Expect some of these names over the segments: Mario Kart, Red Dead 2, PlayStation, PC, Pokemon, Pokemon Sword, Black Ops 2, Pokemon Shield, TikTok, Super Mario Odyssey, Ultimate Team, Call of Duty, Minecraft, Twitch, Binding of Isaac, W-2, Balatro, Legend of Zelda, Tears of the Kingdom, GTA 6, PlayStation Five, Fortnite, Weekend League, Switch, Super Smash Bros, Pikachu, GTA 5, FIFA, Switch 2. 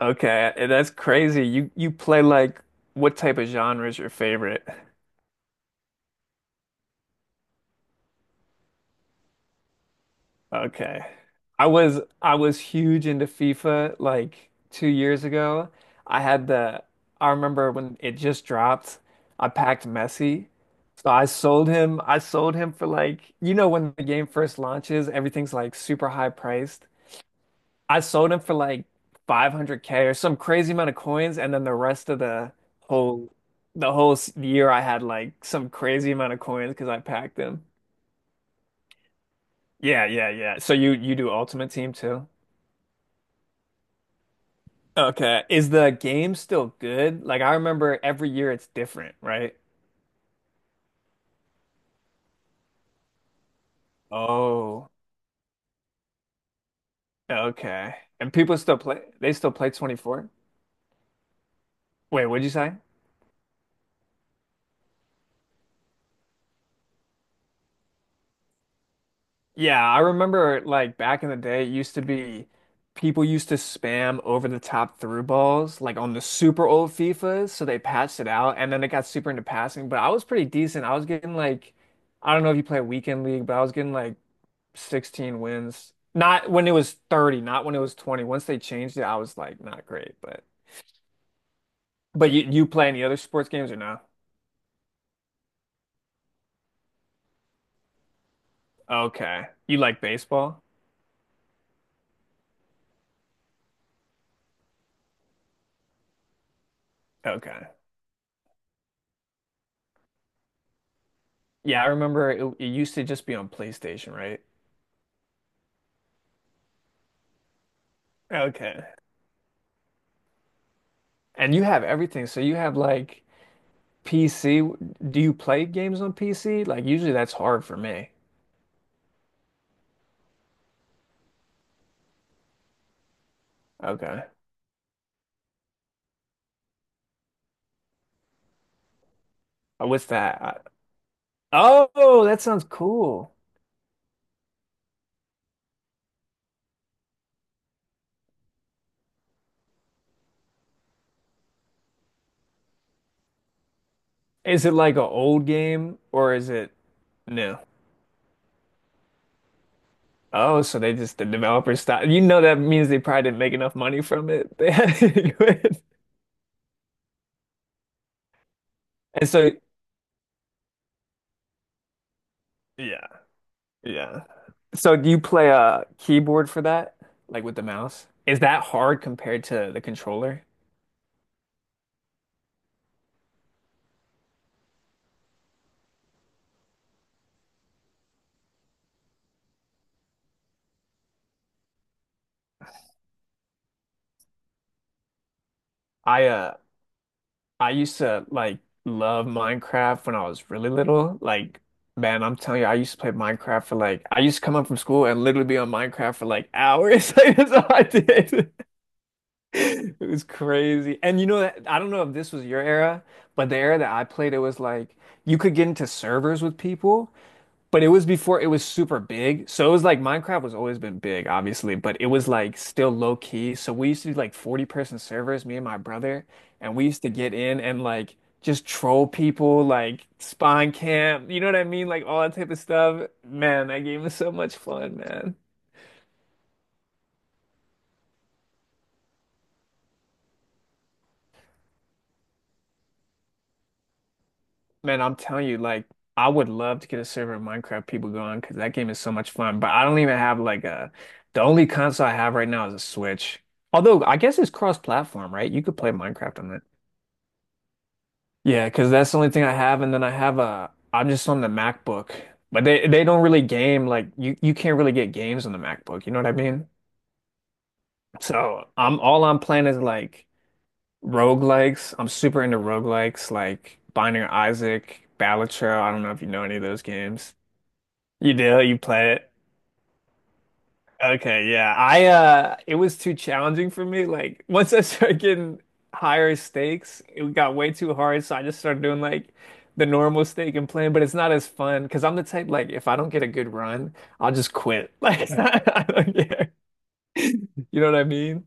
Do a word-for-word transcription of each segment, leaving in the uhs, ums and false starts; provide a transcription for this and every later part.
Okay, and that's crazy. You you play like what type of genre is your favorite? Okay. I was I was huge into FIFA like two years ago. I had the I remember when it just dropped, I packed Messi. So I sold him I sold him for like you know when the game first launches, everything's like super high priced. I sold him for like five hundred k or some crazy amount of coins, and then the rest of the whole the whole s- year I had like some crazy amount of coins because I packed them. Yeah, yeah, yeah. So you you do Ultimate Team too? Okay. Is the game still good? Like I remember every year it's different, right? Oh, okay. And people still play they still play twenty-four? Wait, what'd you say? Yeah, I remember like back in the day, it used to be people used to spam over the top through balls like on the super old FIFAs, so they patched it out and then it got super into passing, but I was pretty decent. I was getting like I don't know if you play weekend league, but I was getting like sixteen wins. Not when it was thirty, not when it was twenty. Once they changed it, I was like not great, but but you you play any other sports games or no? Okay. You like baseball? Okay. Yeah, I remember it, it used to just be on PlayStation, right? Okay. And you have everything. So you have like P C. Do you play games on P C? Like usually that's hard for me. Okay. Uh, With that, I, oh, that sounds cool. Is it like an old game or is it new? Oh, so they just the developers stopped. You know that means they probably didn't make enough money from it. They had to do it. And so yeah, yeah. So do you play a keyboard for that? Like with the mouse? Is that hard compared to the controller? I uh I used to like love Minecraft when I was really little. Like, man, I'm telling you, I used to play Minecraft for like I used to come up from school and literally be on Minecraft for like hours. Like, that's all I did. It was crazy. And you know that I don't know if this was your era, but the era that I played, it was like you could get into servers with people but it was before it was super big. So it was like Minecraft was always been big, obviously, but it was like still low key. So we used to do like forty person servers, me and my brother, and we used to get in and like just troll people, like spawn camp, you know what I mean? Like all that type of stuff. Man, that game was so much fun, man. Man, I'm telling you, like I would love to get a server of Minecraft people going because that game is so much fun. But I don't even have like a the only console I have right now is a Switch. Although I guess it's cross-platform, right? You could play Minecraft on Yeah, because that's the only thing I have, and then I have a I'm just on the MacBook, but they they don't really game like you you can't really get games on the MacBook. You know what I mean? So I'm all I'm playing is like roguelikes. I'm super into roguelikes like Binding of Isaac, Balatro. I don't know if you know any of those games. You do? You play it? Okay, yeah. I uh it was too challenging for me. Like once I started getting higher stakes, it got way too hard, so I just started doing like the normal stake and playing, but it's not as fun because I'm the type like if I don't get a good run, I'll just quit. Like it's not, I don't care. You know what I mean?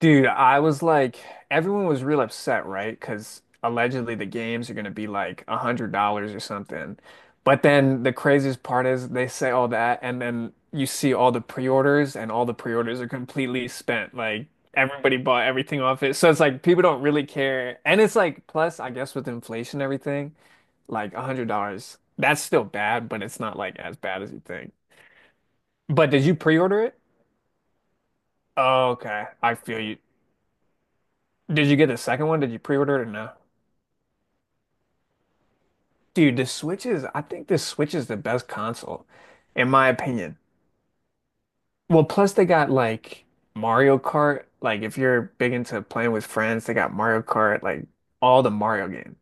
Dude, I was like, everyone was real upset, right? Because allegedly the games are going to be like a hundred dollars or something. But then the craziest part is they say all that, and then you see all the pre-orders, and all the pre-orders are completely spent. Like everybody bought everything off it, so it's like people don't really care. And it's like, plus, I guess with inflation and everything, like a hundred dollars, that's still bad, but it's not like as bad as you think. But did you pre-order it? Oh, okay, I feel you. Did you get the second one? Did you pre-order it or no? Dude, the Switch is, I think the Switch is the best console, in my opinion. Well, plus they got like Mario Kart. Like if you're big into playing with friends, they got Mario Kart, like all the Mario games.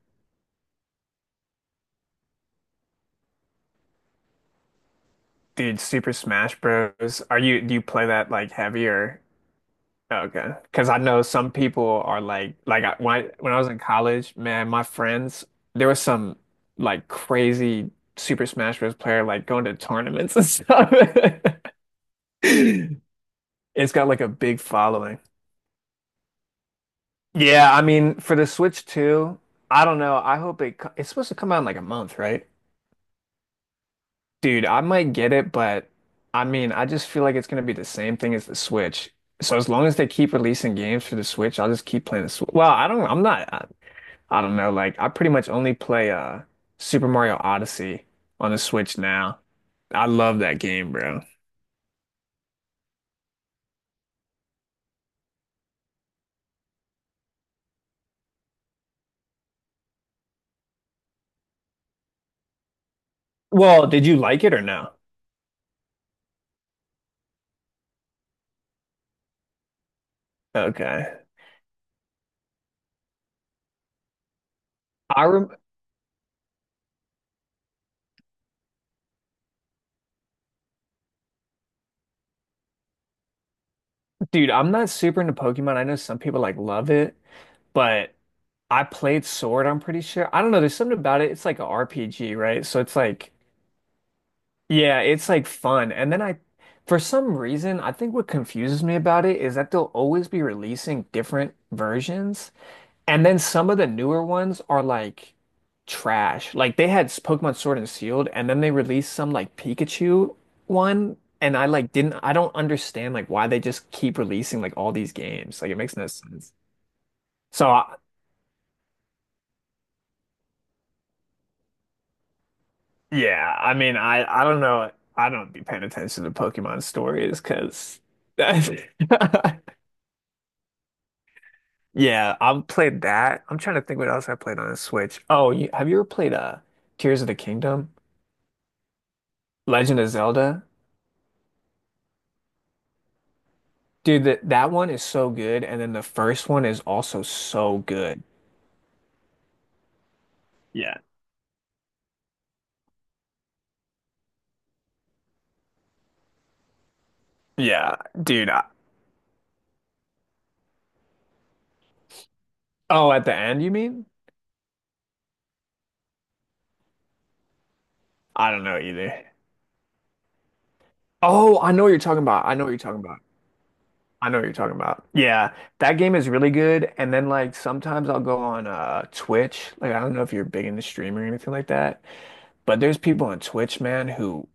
Dude, Super Smash Bros. Are you, do you play that like heavier? Okay. Because I know some people are like, like I, when I, when I was in college, man, my friends, there was some like crazy Super Smash Bros. Player like going to tournaments and stuff. It's got like a big following. Yeah, I mean, for the Switch two, I don't know. I hope it co- it's supposed to come out in like a month, right? Dude, I might get it, but I mean, I just feel like it's gonna be the same thing as the Switch. So as long as they keep releasing games for the Switch, I'll just keep playing the Switch. Well, I don't, I'm not, I, I don't know. Like, I pretty much only play uh Super Mario Odyssey on the Switch now. I love that game, bro. Well, did you like it or no? Okay. I rem Dude, I'm not super into Pokemon. I know some people like love it, but I played Sword, I'm pretty sure. I don't know, there's something about it. It's like a R P G, right? So it's like, yeah, it's like fun. And then I, for some reason, I think what confuses me about it is that they'll always be releasing different versions. And then some of the newer ones are like trash. Like they had Pokemon Sword and Shield, and then they released some like Pikachu one, and I like didn't I don't understand like why they just keep releasing like all these games. Like it makes no sense. So I, yeah, I mean I I don't know. I don't be paying attention to Pokemon stories because yeah, I've played that. I'm trying to think what else I played on the Switch. Oh, you, have you ever played uh Tears of the Kingdom? Legend of Zelda? Dude, that that one is so good, and then the first one is also so good. Yeah. Yeah, dude. I, oh, at the end, you mean? I don't know either. Oh, I know what you're talking about. I know what you're talking about. I know what you're talking about. Yeah, that game is really good. And then like sometimes I'll go on uh Twitch. Like I don't know if you're big into streaming or anything like that, but there's people on Twitch, man, who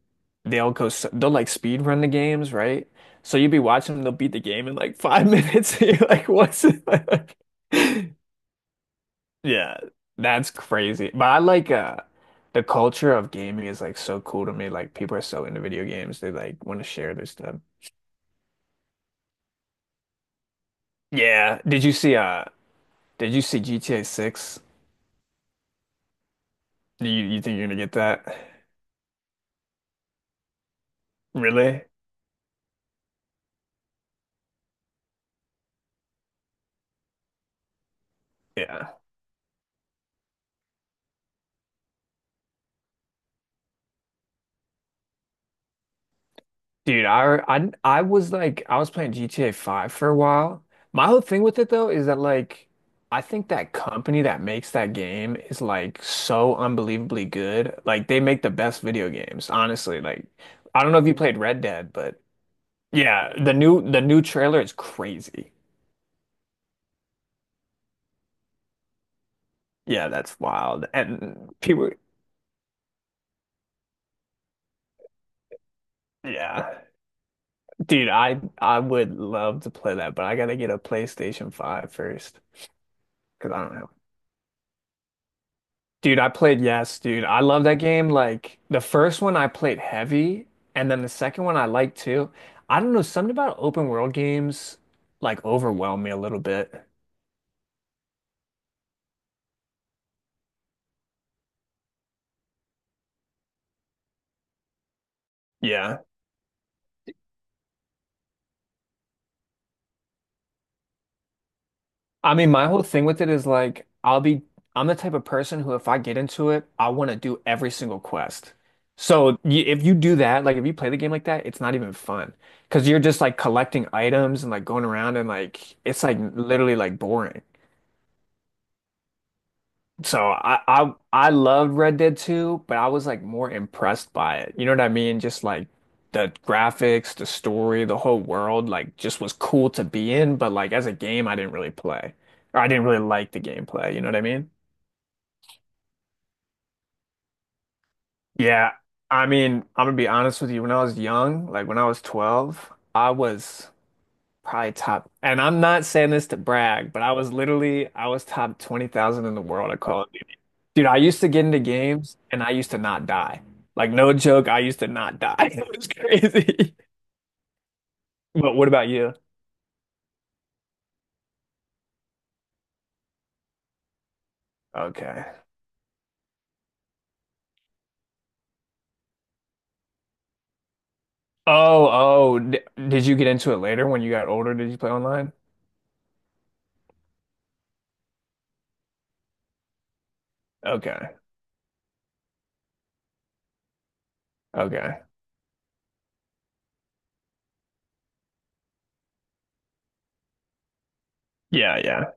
they'll go s- they'll like speed run the games, right? So you'll be watching them, they'll beat the game in like five minutes. And you're like, what's it? Yeah, that's crazy. But I like uh the culture of gaming is like so cool to me. Like people are so into video games, they like want to share their stuff. Yeah. Did you see uh did you see G T A six? Do you you think you're gonna get that? Really? Yeah. Dude, I, I I was like I was playing G T A five for a while. My whole thing with it though is that like I think that company that makes that game is like so unbelievably good. Like they make the best video games, honestly. Like I don't know if you played Red Dead, but yeah, the new the new trailer is crazy. Yeah, that's wild. And people yeah. Dude, I I would love to play that, but I gotta get a PlayStation Five first because I don't have Dude, I played Yes, dude. I love that game. Like the first one I played heavy, and then the second one I liked too. I don't know, something about open world games like overwhelm me a little bit. Yeah. I mean, my whole thing with it is like I'll be I'm the type of person who if I get into it, I want to do every single quest. So y if you do that, like if you play the game like that, it's not even fun because you're just like collecting items and like going around and like it's like literally like boring. So I I I loved Red Dead two, but I was like more impressed by it. You know what I mean? Just like the graphics, the story, the whole world, like just was cool to be in, but like as a game I didn't really play. Or I didn't really like the gameplay, you know what I mean? Yeah. I mean, I'm gonna be honest with you, when I was young, like when I was twelve, I was probably top, and I'm not saying this to brag, but I was literally I was top twenty thousand in the world at Call of Duty. Dude, I used to get into games and I used to not die. Like no joke, I used to not die. It was crazy. But what about you? Okay. Oh, oh, d did you get into it later when you got older? Did you play online? Okay. Okay. Yeah, yeah.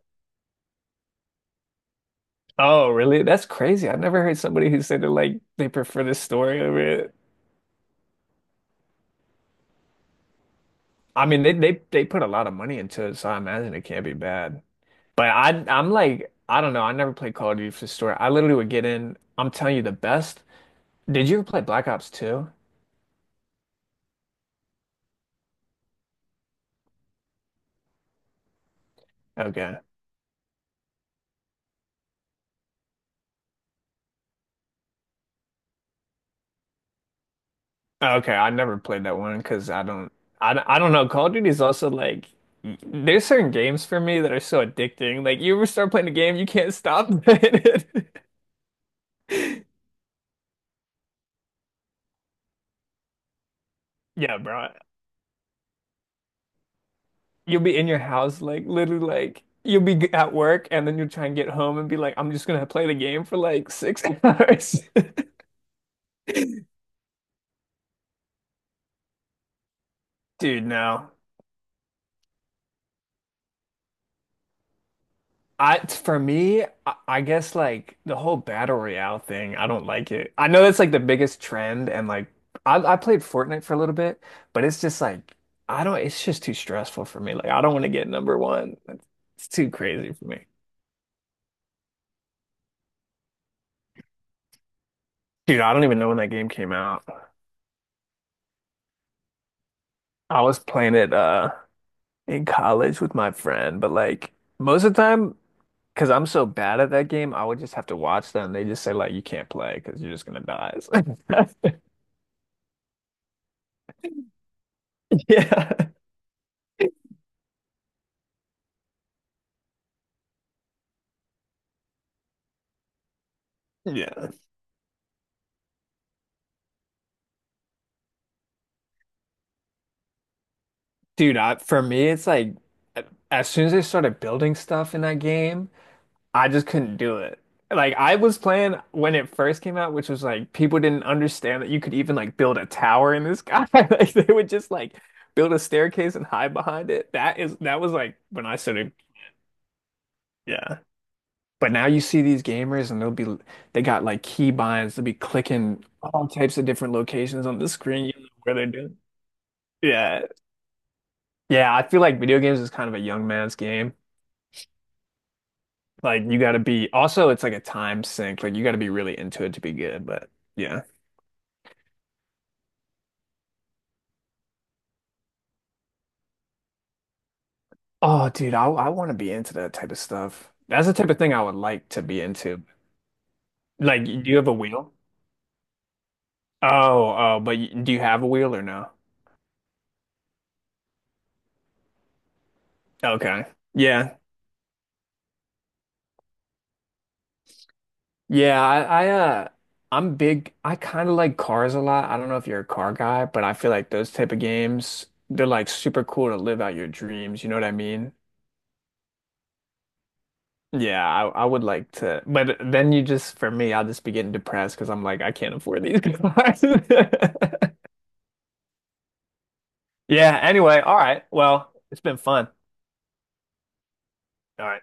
Oh, really? That's crazy. I've never heard somebody who said that like they prefer this story over it. I mean, they they they put a lot of money into it, so I imagine it can't be bad. But I I'm like I don't know. I never played Call of Duty for the story. I literally would get in. I'm telling you the best. Did you ever play Black Ops two? Okay. Okay, I never played that one because I don't I, don't- I don't know. Call of Duty is also like there's certain games for me that are so addicting. Like you ever start playing a game, you can't stop playing it. Yeah, bro. You'll be in your house like literally like you'll be g- at work and then you'll try and get home and be like I'm just gonna play the game for like six hours. Dude, no. I for me, I, I guess like the whole battle royale thing, I don't like it. I know that's like the biggest trend, and like I, I played Fortnite for a little bit, but it's just like I don't. It's just too stressful for me. Like I don't want to get number one. It's, it's too crazy for me, dude. I don't even know when that game came out. I was playing it uh in college with my friend, but like most of the time, because I'm so bad at that game, I would just have to watch them. They just say like you can't play because you're just gonna die. It's like- Yeah. Yeah. Dude, I, for me, it's like as soon as they started building stuff in that game, I just couldn't do it. Like I was playing when it first came out, which was like people didn't understand that you could even like build a tower in this guy. Like they would just like build a staircase and hide behind it. That is that was like when I started, yeah. But now you see these gamers and they'll be they got like key binds, they'll be clicking all types of different locations on the screen, you know where they're doing. Yeah. Yeah, I feel like video games is kind of a young man's game. Like you gotta be also it's like a time sink. Like you gotta be really into it to be good, but yeah. Oh dude, I I wanna be into that type of stuff. That's the type of thing I would like to be into. Like do you have a wheel? Oh, oh, but y do you have a wheel or no? Okay. Yeah. Yeah, I, I uh I'm big I kind of like cars a lot. I don't know if you're a car guy, but I feel like those type of games, they're like super cool to live out your dreams, you know what I mean? Yeah, I, I would like to, but then you just, for me, I'll just be getting depressed because I'm like, I can't afford these cars. Yeah, anyway, all right. Well, it's been fun. All right.